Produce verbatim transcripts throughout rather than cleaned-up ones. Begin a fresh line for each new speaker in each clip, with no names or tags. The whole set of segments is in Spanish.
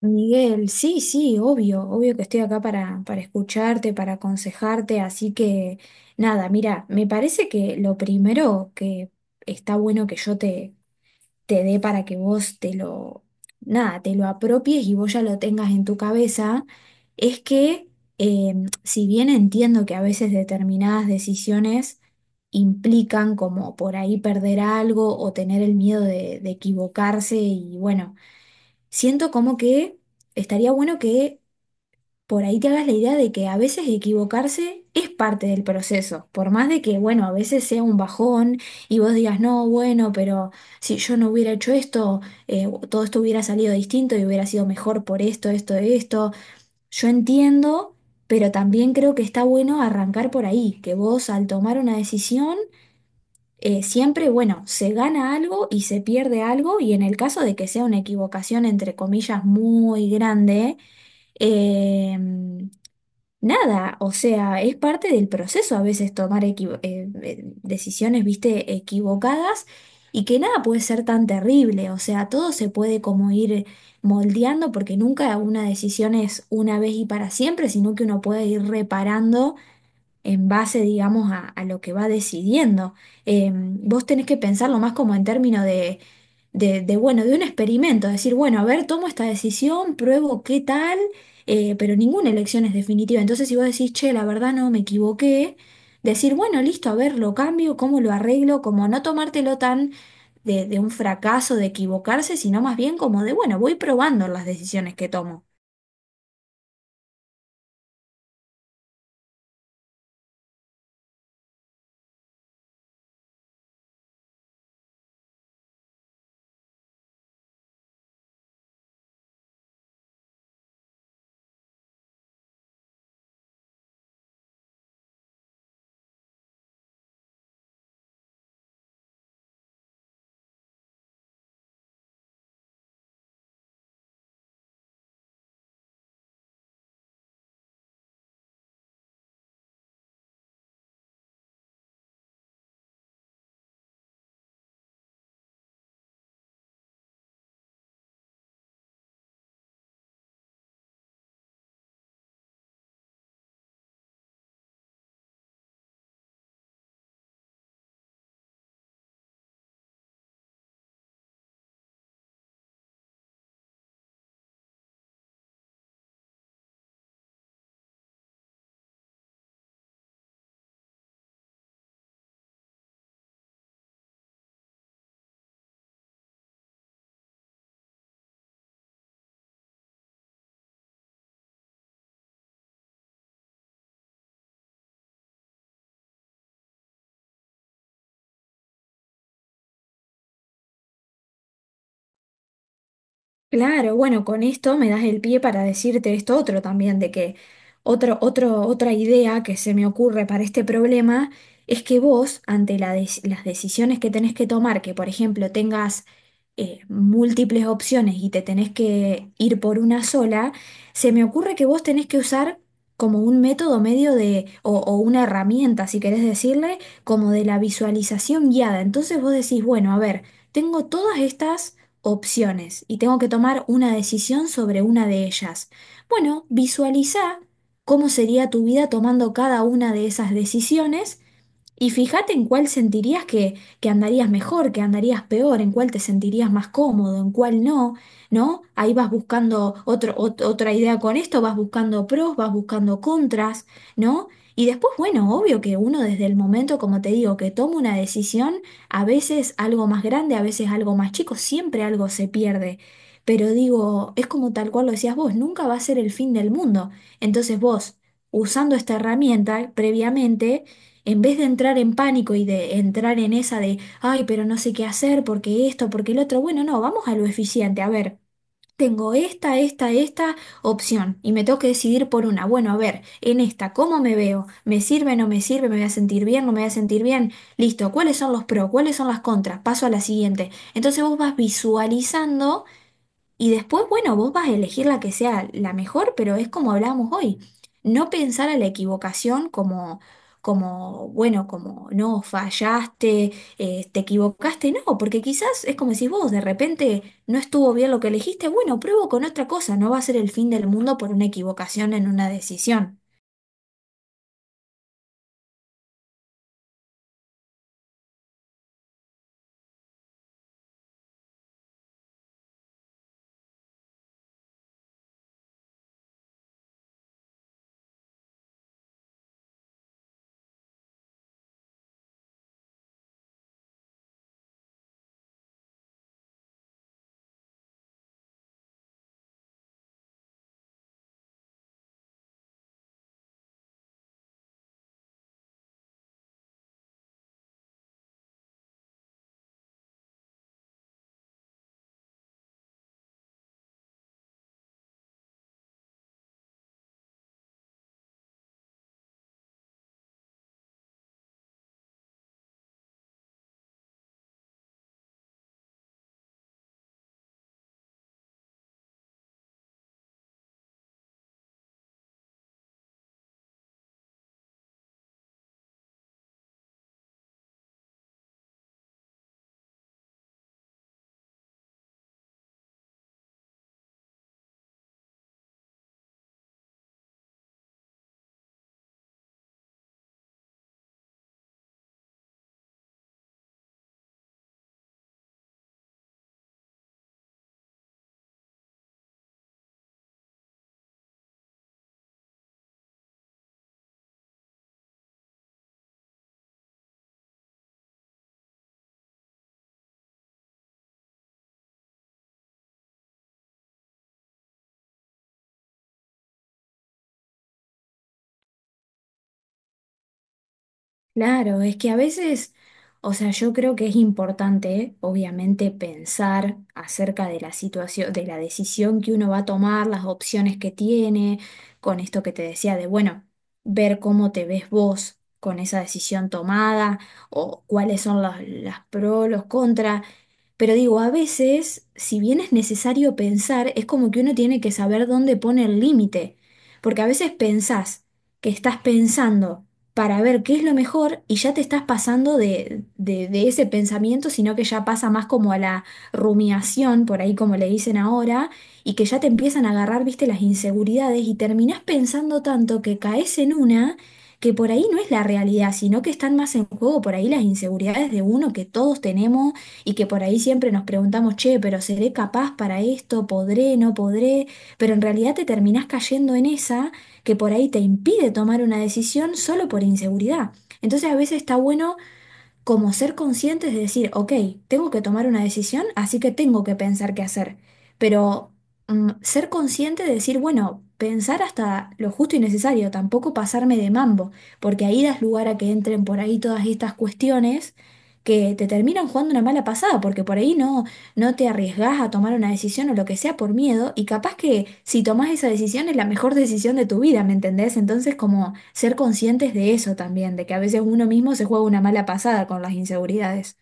Miguel, sí, sí, obvio, obvio que estoy acá para, para escucharte, para aconsejarte, así que nada, mira, me parece que lo primero que está bueno que yo te, te dé para que vos te lo, nada, te lo apropies y vos ya lo tengas en tu cabeza, es que eh, si bien entiendo que a veces determinadas decisiones implican como por ahí perder algo o tener el miedo de, de equivocarse y bueno, siento como que estaría bueno que por ahí te hagas la idea de que a veces equivocarse es parte del proceso, por más de que, bueno, a veces sea un bajón y vos digas, no, bueno, pero si yo no hubiera hecho esto, eh, todo esto hubiera salido distinto y hubiera sido mejor por esto, esto, esto. Yo entiendo, pero también creo que está bueno arrancar por ahí, que vos al tomar una decisión eh, siempre, bueno, se gana algo y se pierde algo, y en el caso de que sea una equivocación, entre comillas, muy grande, eh, nada, o sea, es parte del proceso a veces tomar equivo- eh, eh, decisiones, viste, equivocadas. Y que nada puede ser tan terrible, o sea, todo se puede como ir moldeando porque nunca una decisión es una vez y para siempre, sino que uno puede ir reparando en base, digamos, a, a lo que va decidiendo. Eh, vos tenés que pensarlo más como en términos de, de, de, bueno, de un experimento, decir, bueno, a ver, tomo esta decisión, pruebo qué tal, eh, pero ninguna elección es definitiva. Entonces, si vos decís, che, la verdad no me equivoqué, decir, bueno, listo, a ver, lo cambio, cómo lo arreglo, como no tomártelo tan de, de un fracaso, de equivocarse, sino más bien como de, bueno, voy probando las decisiones que tomo. Claro, bueno, con esto me das el pie para decirte esto otro también, de que otro, otro, otra idea que se me ocurre para este problema es que vos, ante la des- las decisiones que tenés que tomar, que por ejemplo tengas eh, múltiples opciones y te tenés que ir por una sola, se me ocurre que vos tenés que usar como un método medio de, o, o una herramienta, si querés decirle, como de la visualización guiada. Entonces vos decís, bueno, a ver, tengo todas estas opciones y tengo que tomar una decisión sobre una de ellas. Bueno, visualiza cómo sería tu vida tomando cada una de esas decisiones y fíjate en cuál sentirías que, que andarías mejor, que andarías peor, en cuál te sentirías más cómodo, en cuál no, ¿no? Ahí vas buscando otro, ot- otra idea con esto, vas buscando pros, vas buscando contras, ¿no? Y después, bueno, obvio que uno desde el momento, como te digo, que toma una decisión, a veces algo más grande, a veces algo más chico, siempre algo se pierde. Pero digo, es como tal cual lo decías vos, nunca va a ser el fin del mundo. Entonces vos, usando esta herramienta previamente, en vez de entrar en pánico y de entrar en esa de, ay, pero no sé qué hacer, porque esto, porque el otro, bueno, no, vamos a lo eficiente. A ver, tengo esta, esta, esta opción y me tengo que decidir por una. Bueno, a ver, en esta, ¿cómo me veo? ¿Me sirve, no me sirve? ¿Me voy a sentir bien, no me voy a sentir bien? Listo, ¿cuáles son los pros? ¿Cuáles son las contras? Paso a la siguiente. Entonces vos vas visualizando. Y después, bueno, vos vas a elegir la que sea la mejor, pero es como hablábamos hoy, no pensar a la equivocación como, como bueno, como no, fallaste, eh, te equivocaste, no, porque quizás es como decís vos, de repente no estuvo bien lo que elegiste, bueno, pruebo con otra cosa, no va a ser el fin del mundo por una equivocación en una decisión. Claro, es que a veces, o sea, yo creo que es importante, obviamente, pensar acerca de la situación, de la decisión que uno va a tomar, las opciones que tiene, con esto que te decía de, bueno, ver cómo te ves vos con esa decisión tomada o cuáles son las, las pros, los contras. Pero digo, a veces, si bien es necesario pensar, es como que uno tiene que saber dónde pone el límite. Porque a veces pensás que estás pensando para ver qué es lo mejor y ya te estás pasando de, de, de ese pensamiento, sino que ya pasa más como a la rumiación, por ahí como le dicen ahora, y que ya te empiezan a agarrar, viste, las inseguridades y terminás pensando tanto que caes en una que por ahí no es la realidad, sino que están más en juego por ahí las inseguridades de uno que todos tenemos y que por ahí siempre nos preguntamos, che, pero ¿seré capaz para esto? ¿Podré? ¿No podré? Pero en realidad te terminás cayendo en esa que por ahí te impide tomar una decisión solo por inseguridad. Entonces a veces está bueno como ser conscientes de decir, ok, tengo que tomar una decisión, así que tengo que pensar qué hacer. Pero mm, ser consciente de decir, bueno, pensar hasta lo justo y necesario, tampoco pasarme de mambo, porque ahí das lugar a que entren por ahí todas estas cuestiones que te terminan jugando una mala pasada, porque por ahí no, no te arriesgás a tomar una decisión o lo que sea por miedo y capaz que si tomás esa decisión es la mejor decisión de tu vida, ¿me entendés? Entonces como ser conscientes de eso también, de que a veces uno mismo se juega una mala pasada con las inseguridades.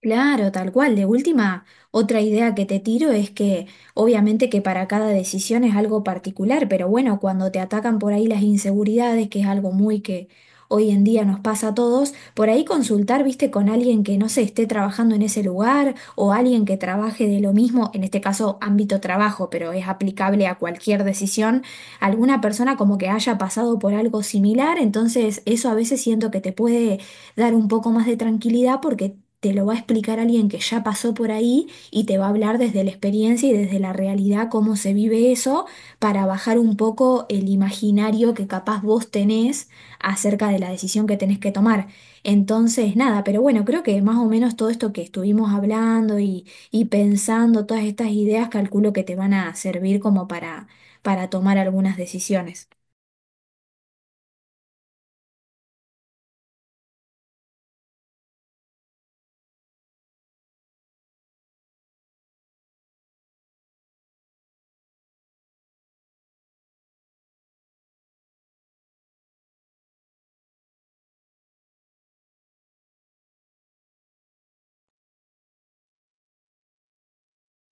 Claro, tal cual. De última, otra idea que te tiro es que obviamente que para cada decisión es algo particular, pero bueno, cuando te atacan por ahí las inseguridades, que es algo muy que hoy en día nos pasa a todos, por ahí consultar, viste, con alguien que no se esté trabajando en ese lugar o alguien que trabaje de lo mismo, en este caso ámbito trabajo, pero es aplicable a cualquier decisión, alguna persona como que haya pasado por algo similar, entonces eso a veces siento que te puede dar un poco más de tranquilidad porque te lo va a explicar alguien que ya pasó por ahí y te va a hablar desde la experiencia y desde la realidad cómo se vive eso para bajar un poco el imaginario que capaz vos tenés acerca de la decisión que tenés que tomar. Entonces, nada, pero bueno, creo que más o menos todo esto que estuvimos hablando y, y pensando, todas estas ideas, calculo que te van a servir como para, para tomar algunas decisiones.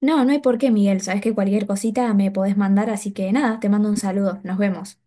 No, no hay por qué, Miguel. Sabes que cualquier cosita me podés mandar, así que nada, te mando un saludo. Nos vemos.